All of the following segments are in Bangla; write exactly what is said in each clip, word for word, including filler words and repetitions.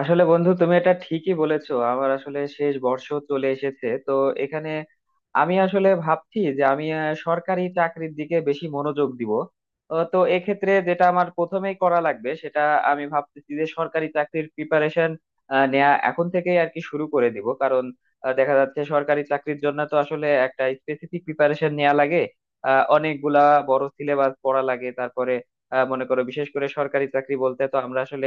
আসলে বন্ধু তুমি এটা ঠিকই বলেছো আমার আসলে শেষ বর্ষ চলে এসেছে তো এখানে আমি আসলে ভাবছি যে আমি আহ, সরকারি চাকরির দিকে বেশি মনোযোগ দিব। আহ, তো এক্ষেত্রে যেটা আমার প্রথমেই করা লাগবে সেটা আমি ভাবতেছি যে সরকারি চাকরির প্রিপারেশন নেয়া এখন থেকেই আর কি শুরু করে দিব। কারণ আহ, দেখা যাচ্ছে সরকারি চাকরির জন্য তো আসলে একটা স্পেসিফিক প্রিপারেশন নেওয়া লাগে। আহ, অনেকগুলা বড় সিলেবাস পড়া লাগে। তারপরে আহ, মনে করো বিশেষ করে সরকারি চাকরি বলতে তো আমরা আসলে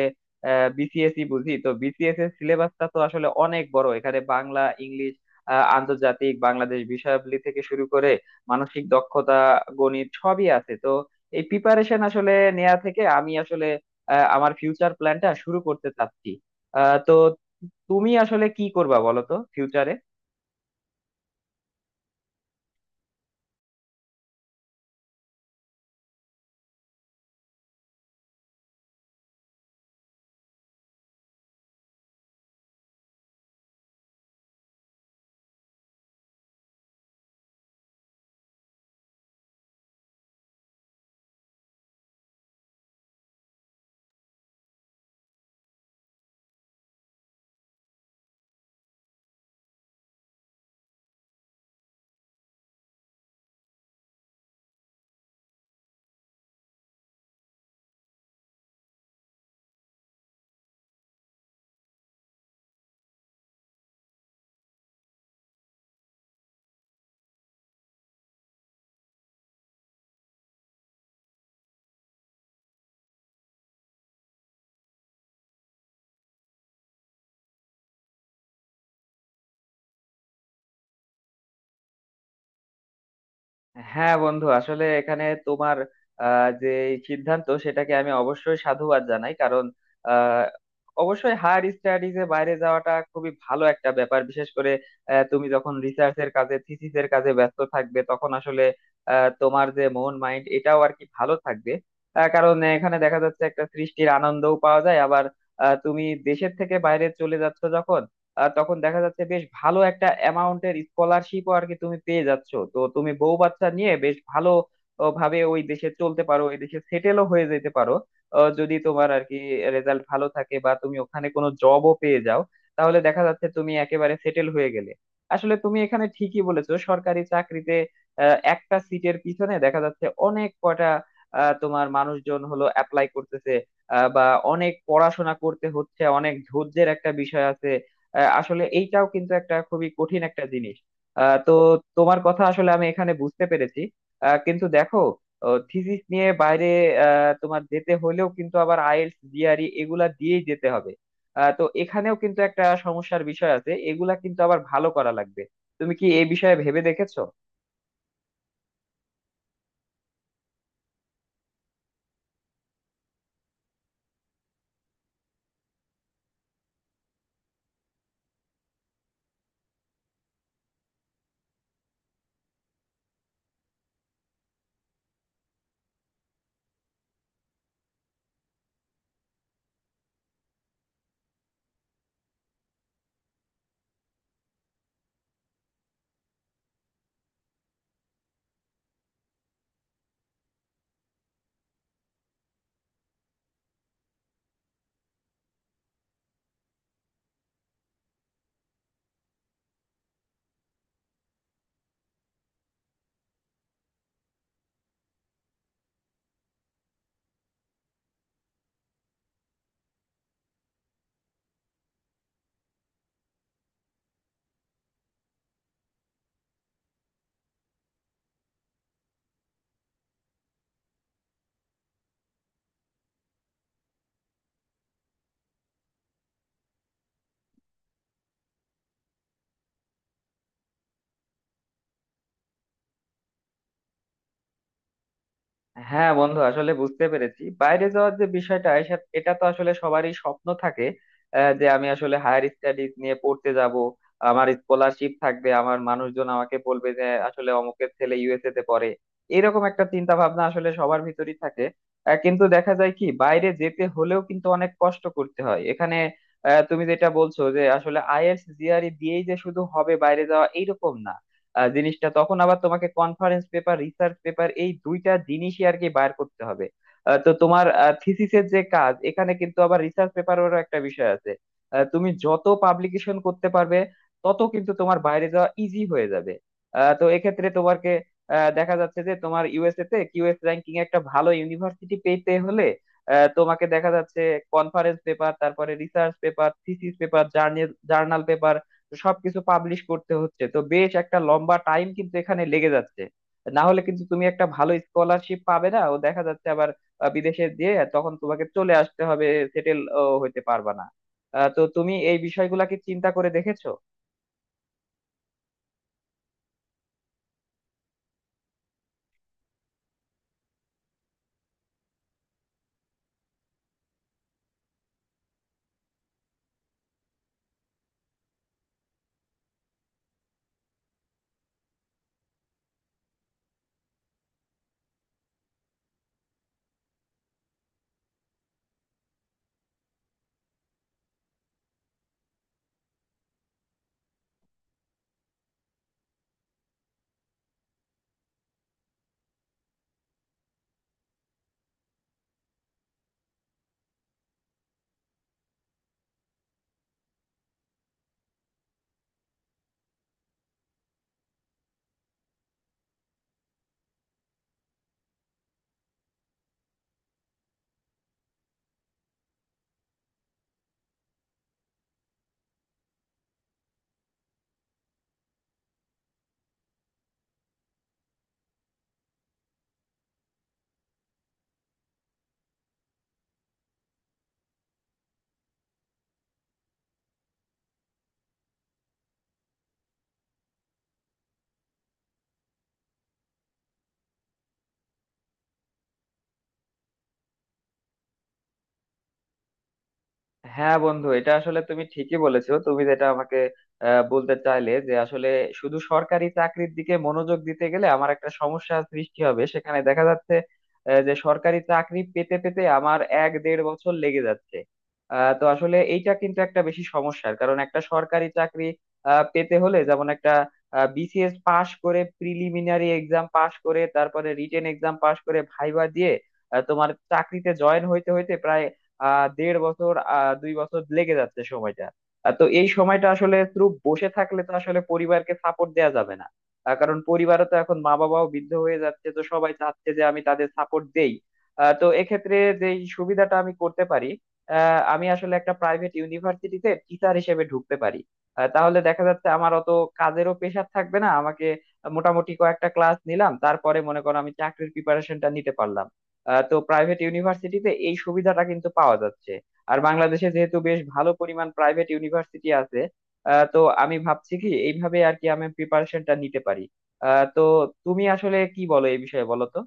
বিসিএসই বুঝি, তো বিসিএস এর সিলেবাসটা তো আসলে অনেক বড়। এখানে বাংলা ইংলিশ আহ, আন্তর্জাতিক বাংলাদেশ বিষয়াবলী থেকে শুরু করে মানসিক দক্ষতা গণিত সবই আছে। তো এই প্রিপারেশন আসলে নেয়া থেকে আমি আসলে আহ, আমার ফিউচার প্ল্যানটা শুরু করতে চাচ্ছি। আহ, তো তুমি আসলে কি করবা বলো তো ফিউচারে? হ্যাঁ বন্ধু, আসলে এখানে তোমার আহ, যে এই সিদ্ধান্ত সেটাকে আমি অবশ্যই সাধুবাদ জানাই। কারণ আহ, অবশ্যই হায়ার স্টাডিজে বাইরে যাওয়াটা খুবই ভালো একটা ব্যাপার। বিশেষ করে আহ, তুমি যখন রিসার্চের কাজে থিসিসের কাজে ব্যস্ত থাকবে তখন আসলে আহ, তোমার যে মন মাইন্ড এটাও আর কি ভালো থাকবে। আহ, কারণ এখানে দেখা যাচ্ছে একটা সৃষ্টির আনন্দও পাওয়া যায়। আবার আহ, তুমি দেশের থেকে বাইরে চলে যাচ্ছ যখন, আহ তখন দেখা যাচ্ছে বেশ ভালো একটা অ্যামাউন্টের স্কলারশিপও আর কি তুমি পেয়ে যাচ্ছ। তো তুমি বউ বাচ্চা নিয়ে বেশ ভালো আহ, ভাবে ওই দেশে চলতে পারো, ওই দেশে সেটেলও হয়ে যেতে পারো আহ, যদি তোমার আর কি রেজাল্ট ভালো থাকে বা তুমি ওখানে কোনো জবও পেয়ে যাও। তাহলে দেখা যাচ্ছে তুমি একেবারে সেটেল হয়ে গেলে। আসলে তুমি এখানে ঠিকই বলেছো, সরকারি চাকরিতে আহ, একটা সিটের পিছনে দেখা যাচ্ছে অনেক কয়টা আহ, তোমার মানুষজন হলো অ্যাপ্লাই করতেছে আহ, বা অনেক পড়াশোনা করতে হচ্ছে। অনেক ধৈর্যের একটা বিষয় আছে। আহ, আসলে এইটাও কিন্তু একটা খুবই কঠিন একটা জিনিস। আহ, তো তোমার কথা আসলে আমি এখানে বুঝতে পেরেছি। আহ, কিন্তু দেখো থিসিস নিয়ে বাইরে আহ, তোমার যেতে হলেও কিন্তু আবার আইএলটিএস জিআরই এগুলা দিয়েই যেতে হবে। আহ, তো এখানেও কিন্তু একটা সমস্যার বিষয় আছে। এগুলা কিন্তু আবার ভালো করা লাগবে। তুমি কি এই বিষয়ে ভেবে দেখেছো? হ্যাঁ বন্ধু, আসলে বুঝতে পেরেছি বাইরে যাওয়ার যে বিষয়টা এসব- এটা তো আসলে সবারই স্বপ্ন থাকে আহ, যে আমি আসলে হায়ার স্টাডিজ নিয়ে পড়তে যাব, আমার স্কলারশিপ থাকবে, আমার মানুষজন আমাকে বলবে যে আসলে অমুকের ছেলে ইউএসএ তে পড়ে। এরকম একটা চিন্তা ভাবনা আসলে সবার ভিতরই থাকে। আহ, কিন্তু দেখা যায় কি, বাইরে যেতে হলেও কিন্তু অনেক কষ্ট করতে হয়। এখানে আহ, তুমি যেটা বলছো যে আসলে আইএলটিএস জিআরই দিয়েই যে শুধু হবে বাইরে যাওয়া, এইরকম না। আহ, জিনিসটা তখন আবার তোমাকে কনফারেন্স পেপার রিসার্চ পেপার এই দুইটা জিনিসই আর কি বার করতে হবে। আহ, তো তোমার থিসিসের যে কাজ এখানে কিন্তু আবার রিসার্চ পেপারেরও একটা বিষয় আছে। আহ, তুমি যত পাবলিকেশন করতে পারবে তত কিন্তু তোমার বাইরে যাওয়া ইজি হয়ে যাবে। আহ, তো এক্ষেত্রে তোমাকে আহ, দেখা যাচ্ছে যে তোমার ইউএসএ তে কিউএস র্যাঙ্কিং একটা ভালো ইউনিভার্সিটি পেতে হলে আহ, তোমাকে দেখা যাচ্ছে কনফারেন্স পেপার তারপরে research paper thesis paper journal সবকিছু পাবলিশ করতে হচ্ছে। তো বেশ একটা লম্বা টাইম কিন্তু এখানে লেগে যাচ্ছে। না হলে কিন্তু তুমি একটা ভালো স্কলারশিপ পাবে না ও দেখা যাচ্ছে আবার আহ, বিদেশে দিয়ে তখন তোমাকে চলে আসতে হবে, সেটেল হতে পারবা না। আহ, তো তুমি এই বিষয়গুলা কি চিন্তা করে দেখেছো? হ্যাঁ বন্ধু, এটা আসলে তুমি ঠিকই বলেছো। তুমি যেটা আমাকে আহ, বলতে চাইলে যে আসলে শুধু সরকারি চাকরির দিকে মনোযোগ দিতে গেলে আমার একটা সমস্যা সৃষ্টি হবে। সেখানে দেখা যাচ্ছে আহ, যে সরকারি চাকরি পেতে পেতে আমার এক দেড় বছর লেগে যাচ্ছে। আহ, তো আসলে এইটা কিন্তু একটা বেশি সমস্যার কারণ। একটা সরকারি চাকরি আহ, পেতে হলে যেমন একটা বিসিএস পাশ করে প্রিলিমিনারি এক্সাম পাশ করে তারপরে রিটেন এক্সাম পাশ করে ভাইবা দিয়ে আহ, তোমার চাকরিতে জয়েন হইতে হইতে প্রায় আহ দেড় বছর আহ দুই বছর লেগে যাচ্ছে সময়টা। আহ, তো এই সময়টা আসলে শুধু বসে থাকলে তো আসলে পরিবারকে সাপোর্ট দেওয়া যাবে না। আহ, কারণ পরিবারও তো এখন মা বাবাও বৃদ্ধ হয়ে যাচ্ছে। তো সবাই চাচ্ছে যে আমি তাদের সাপোর্ট দেই। আহ, তো এক্ষেত্রে যে সুবিধাটা আমি করতে পারি, আহ, আমি আসলে একটা প্রাইভেট ইউনিভার্সিটিতে টিচার হিসেবে ঢুকতে পারি। আহ, তাহলে দেখা যাচ্ছে আমার অত কাজেরও প্রেশার থাকবে না। আমাকে মোটামুটি কয়েকটা ক্লাস নিলাম, তারপরে মনে করো আমি চাকরির প্রিপারেশনটা নিতে পারলাম। আহ, তো প্রাইভেট ইউনিভার্সিটিতে এই সুবিধাটা কিন্তু পাওয়া যাচ্ছে। আর বাংলাদেশে যেহেতু বেশ ভালো পরিমাণ প্রাইভেট ইউনিভার্সিটি আছে আহ, তো আমি ভাবছি কি এইভাবে আর কি আমি প্রিপারেশনটা নিতে পারি। আহ, তো তুমি আসলে কি বলো এই বিষয়ে বলো তো?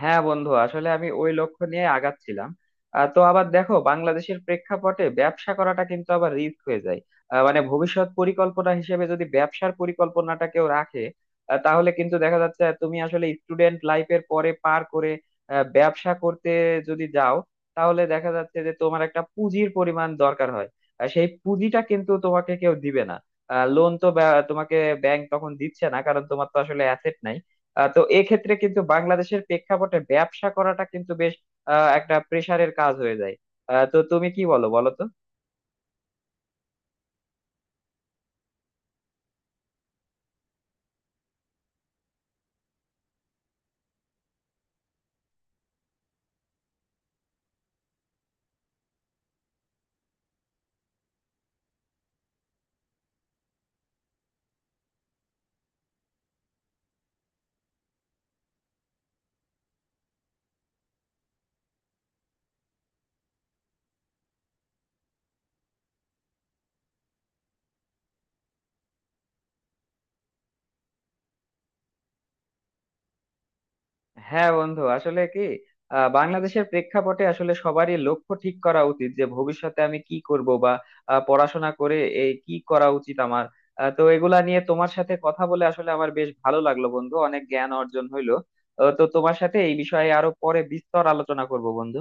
হ্যাঁ বন্ধু, আসলে আমি ওই লক্ষ্য নিয়ে আগাচ্ছিলাম। আহ, তো আবার দেখো বাংলাদেশের প্রেক্ষাপটে ব্যবসা করাটা কিন্তু আবার রিস্ক হয়ে যায়। আহ, মানে ভবিষ্যৎ পরিকল্পনা হিসেবে যদি ব্যবসার পরিকল্পনাটা কেউ রাখে আহ, তাহলে কিন্তু দেখা যাচ্ছে তুমি আসলে স্টুডেন্ট লাইফের পরে পার করে আহ, ব্যবসা করতে যদি যাও তাহলে দেখা যাচ্ছে যে তোমার একটা পুঁজির পরিমাণ দরকার হয়। আর সেই পুঁজিটা কিন্তু তোমাকে কেউ দিবে না। লোন তো ব্যা- তোমাকে ব্যাংক তখন দিচ্ছে না, কারণ তোমার তো আসলে অ্যাসেট নাই। আহ, তো এক্ষেত্রে কিন্তু বাংলাদেশের প্রেক্ষাপটে ব্যবসা করাটা কিন্তু বেশ আহ, একটা প্রেসারের কাজ হয়ে যায়। আহ, তো তুমি কি বলো বলো তো? হ্যাঁ বন্ধু, আসলে কি আহ, বাংলাদেশের প্রেক্ষাপটে আসলে সবারই লক্ষ্য ঠিক করা উচিত যে ভবিষ্যতে আমি কি করব বা আহ, পড়াশোনা করে এই কি করা উচিত আমার। আহ, তো এগুলা নিয়ে তোমার সাথে কথা বলে আসলে আমার বেশ ভালো লাগলো বন্ধু, অনেক জ্ঞান অর্জন হইলো। আহ, তো তোমার সাথে এই বিষয়ে আরো পরে বিস্তর আলোচনা করব বন্ধু।